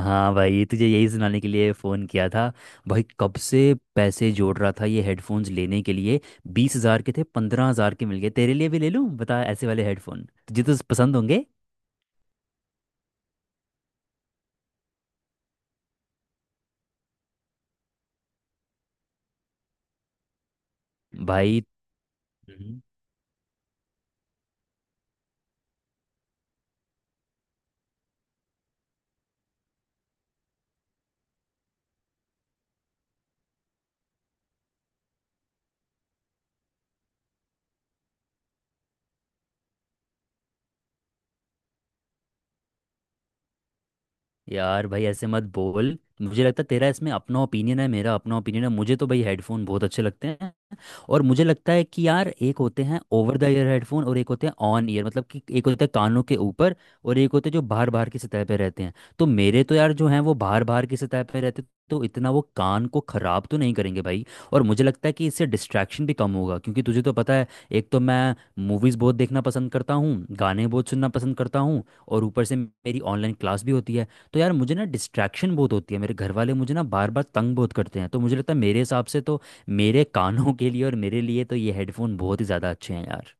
हाँ भाई, तुझे यही सुनाने के लिए फ़ोन किया था। भाई, कब से पैसे जोड़ रहा था ये हेडफोन्स लेने के लिए। 20,000 के थे, 15,000 के मिल गए। तेरे लिए भी ले लूँ बता? ऐसे वाले हेडफोन तुझे तो पसंद होंगे भाई। हम्म। यार भाई, ऐसे मत बोल। मुझे लगता है तेरा इसमें अपना ओपिनियन है, मेरा अपना ओपिनियन है। मुझे तो भाई हेडफोन बहुत अच्छे लगते हैं। और मुझे लगता है कि यार एक होते हैं ओवर द ईयर हेडफोन और एक होते हैं ऑन ईयर। मतलब कि एक होते हैं कानों के ऊपर और एक होते हैं जो बाहर बाहर की सतह पे रहते हैं। तो मेरे तो यार जो हैं वो बाहर बाहर की सतह पे रहते। तो इतना वो कान को ख़राब तो नहीं करेंगे भाई। और मुझे लगता है कि इससे डिस्ट्रैक्शन भी कम होगा, क्योंकि तुझे तो पता है, एक तो मैं मूवीज़ बहुत देखना पसंद करता हूँ, गाने बहुत सुनना पसंद करता हूँ और ऊपर से मेरी ऑनलाइन क्लास भी होती है। तो यार मुझे ना डिस्ट्रैक्शन बहुत होती है, मेरे घर वाले मुझे ना बार बार तंग बहुत करते हैं। तो मुझे लगता है मेरे हिसाब से तो मेरे कानों के लिए और मेरे लिए तो ये हेडफोन बहुत ही ज़्यादा अच्छे हैं यार।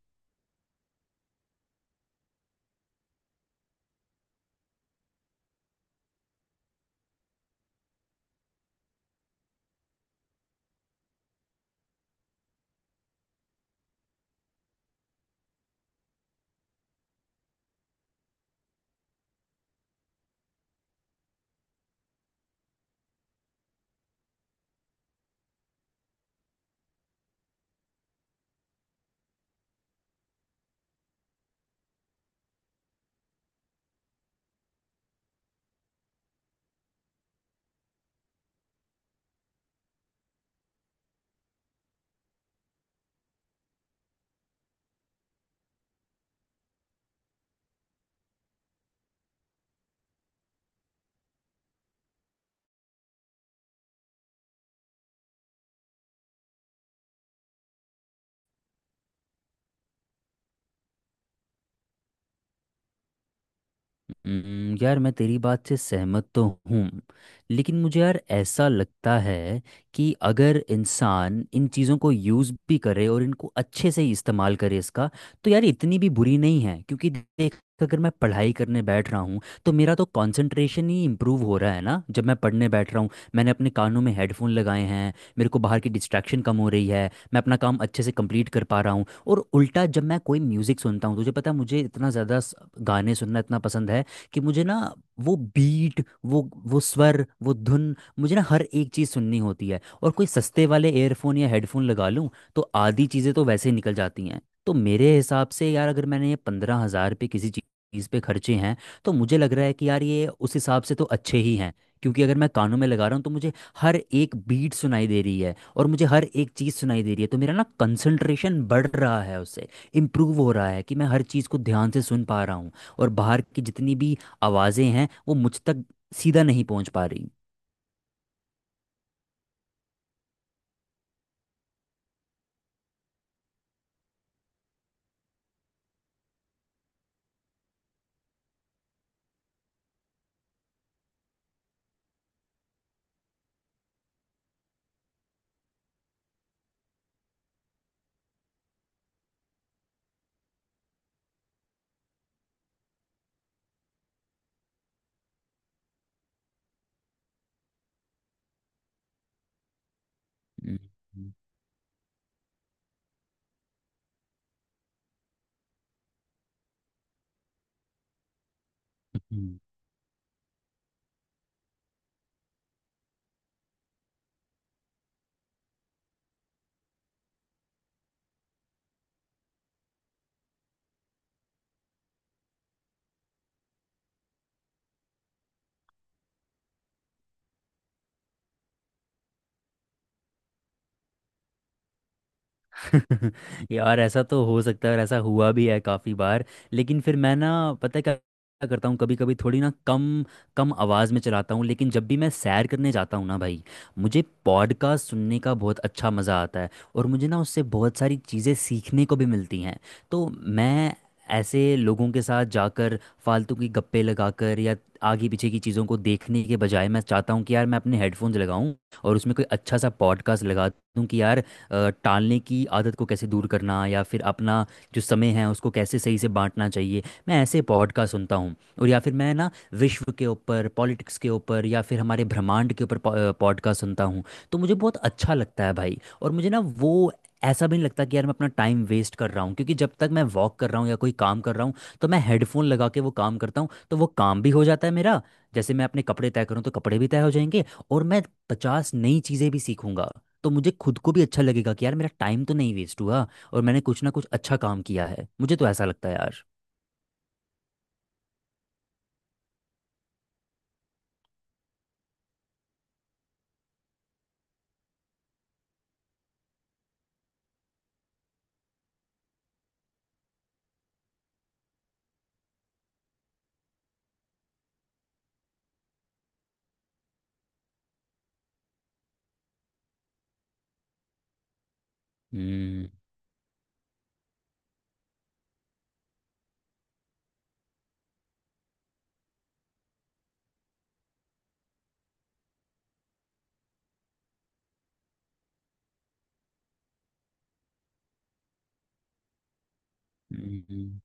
यार मैं तेरी बात से सहमत तो हूँ, लेकिन मुझे यार ऐसा लगता है कि अगर इंसान इन चीज़ों को यूज़ भी करे और इनको अच्छे से ही इस्तेमाल करे इसका, तो यार इतनी भी बुरी नहीं है। क्योंकि देख, अगर मैं पढ़ाई करने बैठ रहा हूँ तो मेरा तो कंसंट्रेशन ही इम्प्रूव हो रहा है ना। जब मैं पढ़ने बैठ रहा हूँ, मैंने अपने कानों में हेडफोन लगाए हैं, मेरे को बाहर की डिस्ट्रैक्शन कम हो रही है, मैं अपना काम अच्छे से कंप्लीट कर पा रहा हूँ। और उल्टा, जब मैं कोई म्यूज़िक सुनता हूँ, तुझे पता है, मुझे इतना ज़्यादा गाने सुनना इतना पसंद है कि मुझे ना वो बीट, वो स्वर, वो धुन, मुझे ना हर एक चीज़ सुननी होती है। और कोई सस्ते वाले एयरफोन या हेडफोन लगा लूँ तो आधी चीज़ें तो वैसे ही निकल जाती हैं। तो मेरे हिसाब से यार, अगर मैंने ये 15,000 पे किसी चीज़ पे खर्चे हैं, तो मुझे लग रहा है कि यार ये उस हिसाब से तो अच्छे ही हैं। क्योंकि अगर मैं कानों में लगा रहा हूँ तो मुझे हर एक बीट सुनाई दे रही है और मुझे हर एक चीज़ सुनाई दे रही है, तो मेरा ना कंसंट्रेशन बढ़ रहा है, उससे इम्प्रूव हो रहा है कि मैं हर चीज़ को ध्यान से सुन पा रहा हूँ। और बाहर की जितनी भी आवाज़ें हैं वो मुझ तक सीधा नहीं पहुंच पा रही। हम्म, हम्म, यार, ऐसा तो हो सकता है और ऐसा हुआ भी है काफ़ी बार। लेकिन फिर मैं ना, पता है क्या क्या करता हूँ, कभी कभी थोड़ी ना कम कम आवाज़ में चलाता हूँ। लेकिन जब भी मैं सैर करने जाता हूँ ना भाई, मुझे पॉडकास्ट सुनने का बहुत अच्छा मज़ा आता है और मुझे ना उससे बहुत सारी चीज़ें सीखने को भी मिलती हैं। तो मैं ऐसे लोगों के साथ जाकर फालतू की गप्पे लगाकर या आगे पीछे की चीज़ों को देखने के बजाय मैं चाहता हूँ कि यार मैं अपने हेडफोन्स लगाऊं और उसमें कोई अच्छा सा पॉडकास्ट लगा दूं कि यार टालने की आदत को कैसे दूर करना, या फिर अपना जो समय है उसको कैसे सही से बांटना चाहिए। मैं ऐसे पॉडकास्ट सुनता हूँ, और या फिर मैं ना विश्व के ऊपर, पॉलिटिक्स के ऊपर, या फिर हमारे ब्रह्मांड के ऊपर पॉडकास्ट सुनता हूँ। तो मुझे बहुत अच्छा लगता है भाई। और मुझे ना वो ऐसा भी नहीं लगता कि यार मैं अपना टाइम वेस्ट कर रहा हूँ, क्योंकि जब तक मैं वॉक कर रहा हूँ या कोई काम कर रहा हूँ, तो मैं हेडफोन लगा के वो काम करता हूँ तो वो काम भी हो जाता है मेरा। जैसे मैं अपने कपड़े तय करूँ तो कपड़े भी तय हो जाएंगे और मैं 50 नई चीज़ें भी सीखूंगा। तो मुझे खुद को भी अच्छा लगेगा कि यार मेरा टाइम तो नहीं वेस्ट हुआ और मैंने कुछ ना कुछ अच्छा काम किया है। मुझे तो ऐसा लगता है यार। हम्म हम्म,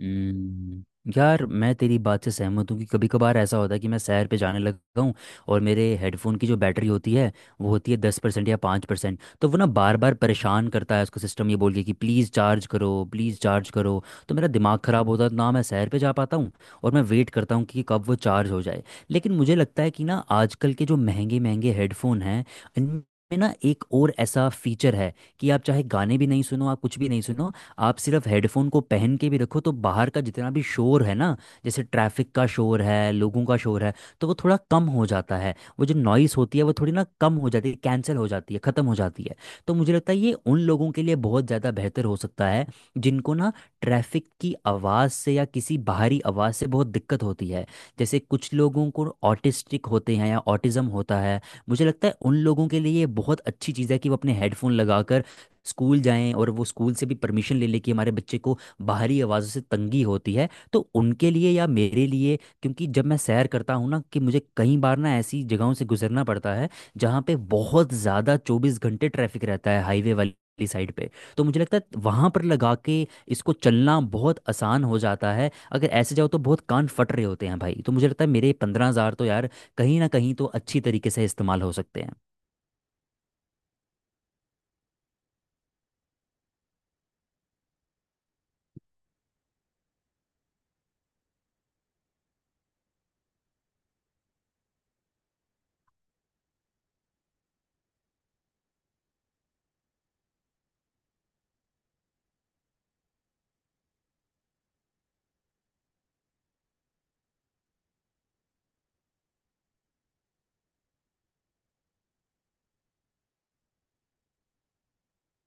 यार मैं तेरी बात से सहमत हूँ कि कभी कभार ऐसा होता है कि मैं सैर पे जाने लगा हूँ और मेरे हेडफोन की जो बैटरी होती है, वो होती है 10% या 5%। तो वो ना बार बार परेशान करता है, उसको सिस्टम ये बोल के कि प्लीज़ चार्ज करो, प्लीज़ चार्ज करो। तो मेरा दिमाग ख़राब होता है, तो ना मैं सैर पे जा पाता हूँ और मैं वेट करता हूँ कि कब वो चार्ज हो जाए। लेकिन मुझे लगता है कि ना आजकल के जो महंगे महंगे हेडफोन हैं, इनमें ना एक और ऐसा फीचर है कि आप चाहे गाने भी नहीं सुनो, आप कुछ भी नहीं सुनो, आप सिर्फ हेडफोन को पहन के भी रखो तो बाहर का जितना भी शोर है ना, जैसे ट्रैफिक का शोर है, लोगों का शोर है, तो वो थोड़ा कम हो जाता है। वो जो नॉइस होती है वो थोड़ी ना कम हो जाती है, कैंसिल हो जाती है, ख़त्म हो जाती है। तो मुझे लगता है ये उन लोगों के लिए बहुत ज़्यादा बेहतर हो सकता है जिनको ना ट्रैफिक की आवाज़ से या किसी बाहरी आवाज़ से बहुत दिक्कत होती है। जैसे कुछ लोगों को ऑटिस्टिक होते हैं या ऑटिज़म होता है, मुझे लगता है उन लोगों के लिए ये बहुत अच्छी चीज़ है कि वो अपने हेडफोन लगाकर स्कूल जाएं और वो स्कूल से भी परमिशन ले लें कि हमारे बच्चे को बाहरी आवाज़ों से तंगी होती है। तो उनके लिए, या मेरे लिए, क्योंकि जब मैं सैर करता हूँ ना कि मुझे कई बार ना ऐसी जगहों से गुजरना पड़ता है जहाँ पे बहुत ज़्यादा 24 घंटे ट्रैफिक रहता है, हाईवे वाली साइड पे, तो मुझे लगता है वहां पर लगा के इसको चलना बहुत आसान हो जाता है। अगर ऐसे जाओ तो बहुत कान फट रहे होते हैं भाई। तो मुझे लगता है मेरे 15,000 तो यार कहीं ना कहीं तो अच्छी तरीके से इस्तेमाल हो सकते हैं।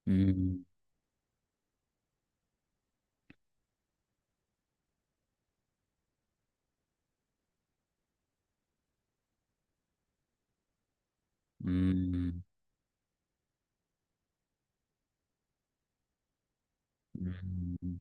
हम्म हम्म हम्म,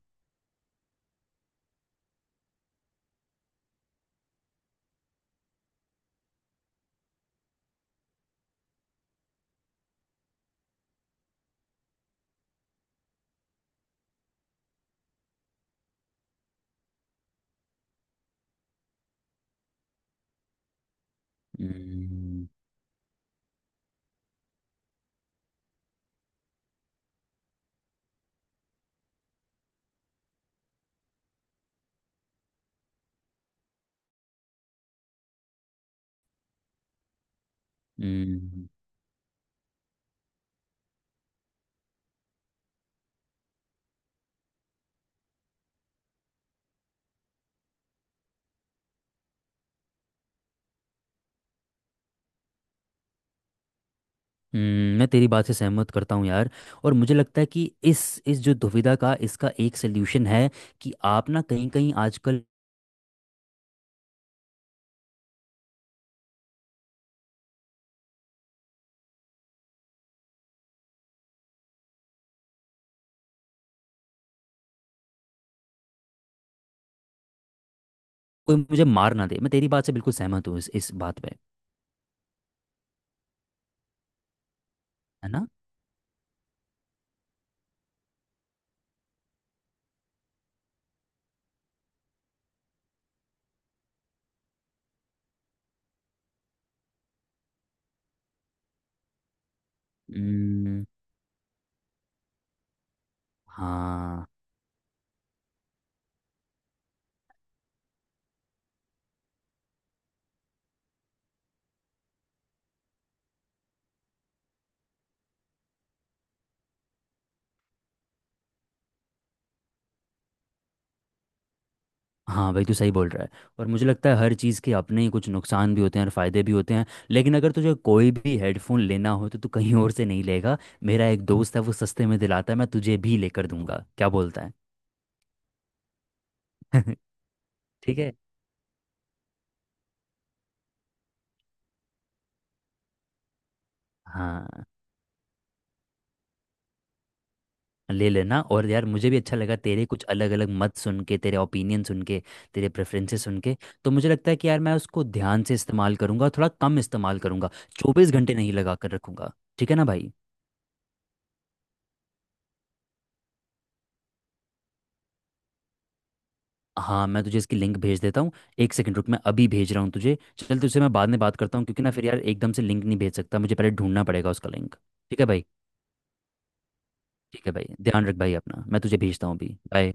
हम्म, हम्म, मैं तेरी बात से सहमत करता हूँ यार। और मुझे लगता है कि इस जो दुविधा का इसका एक सल्यूशन है, कि आप ना कहीं कहीं आजकल, कोई मुझे मार ना दे, मैं तेरी बात से बिल्कुल सहमत हूँ इस बात पे, है ना। हम्म, हाँ हाँ भाई, तू सही बोल रहा है। और मुझे लगता है हर चीज़ के अपने ही कुछ नुकसान भी होते हैं और फ़ायदे भी होते हैं। लेकिन अगर तुझे कोई भी हेडफोन लेना हो तो तू कहीं और से नहीं लेगा। मेरा एक दोस्त है, वो सस्ते में दिलाता है, मैं तुझे भी लेकर दूंगा। क्या बोलता है? ठीक है। हाँ, ले लेना। और यार मुझे भी अच्छा लगा तेरे कुछ अलग अलग मत सुन के, तेरे ओपिनियन सुन के, तेरे प्रेफरेंसेस सुन के। तो मुझे लगता है कि यार मैं उसको ध्यान से इस्तेमाल करूंगा, थोड़ा कम इस्तेमाल करूंगा। 24 घंटे नहीं लगा कर रखूंगा। ठीक है ना भाई? हाँ, मैं तुझे इसकी लिंक भेज देता हूँ। एक सेकंड रुक, मैं अभी भेज रहा हूँ तुझे। चल, तुझसे मैं बाद में बात करता हूँ, क्योंकि ना फिर यार एकदम से लिंक नहीं भेज सकता, मुझे पहले ढूंढना पड़ेगा उसका लिंक। ठीक है भाई। ठीक है भाई, ध्यान रख भाई अपना। मैं तुझे भेजता हूँ अभी। बाय।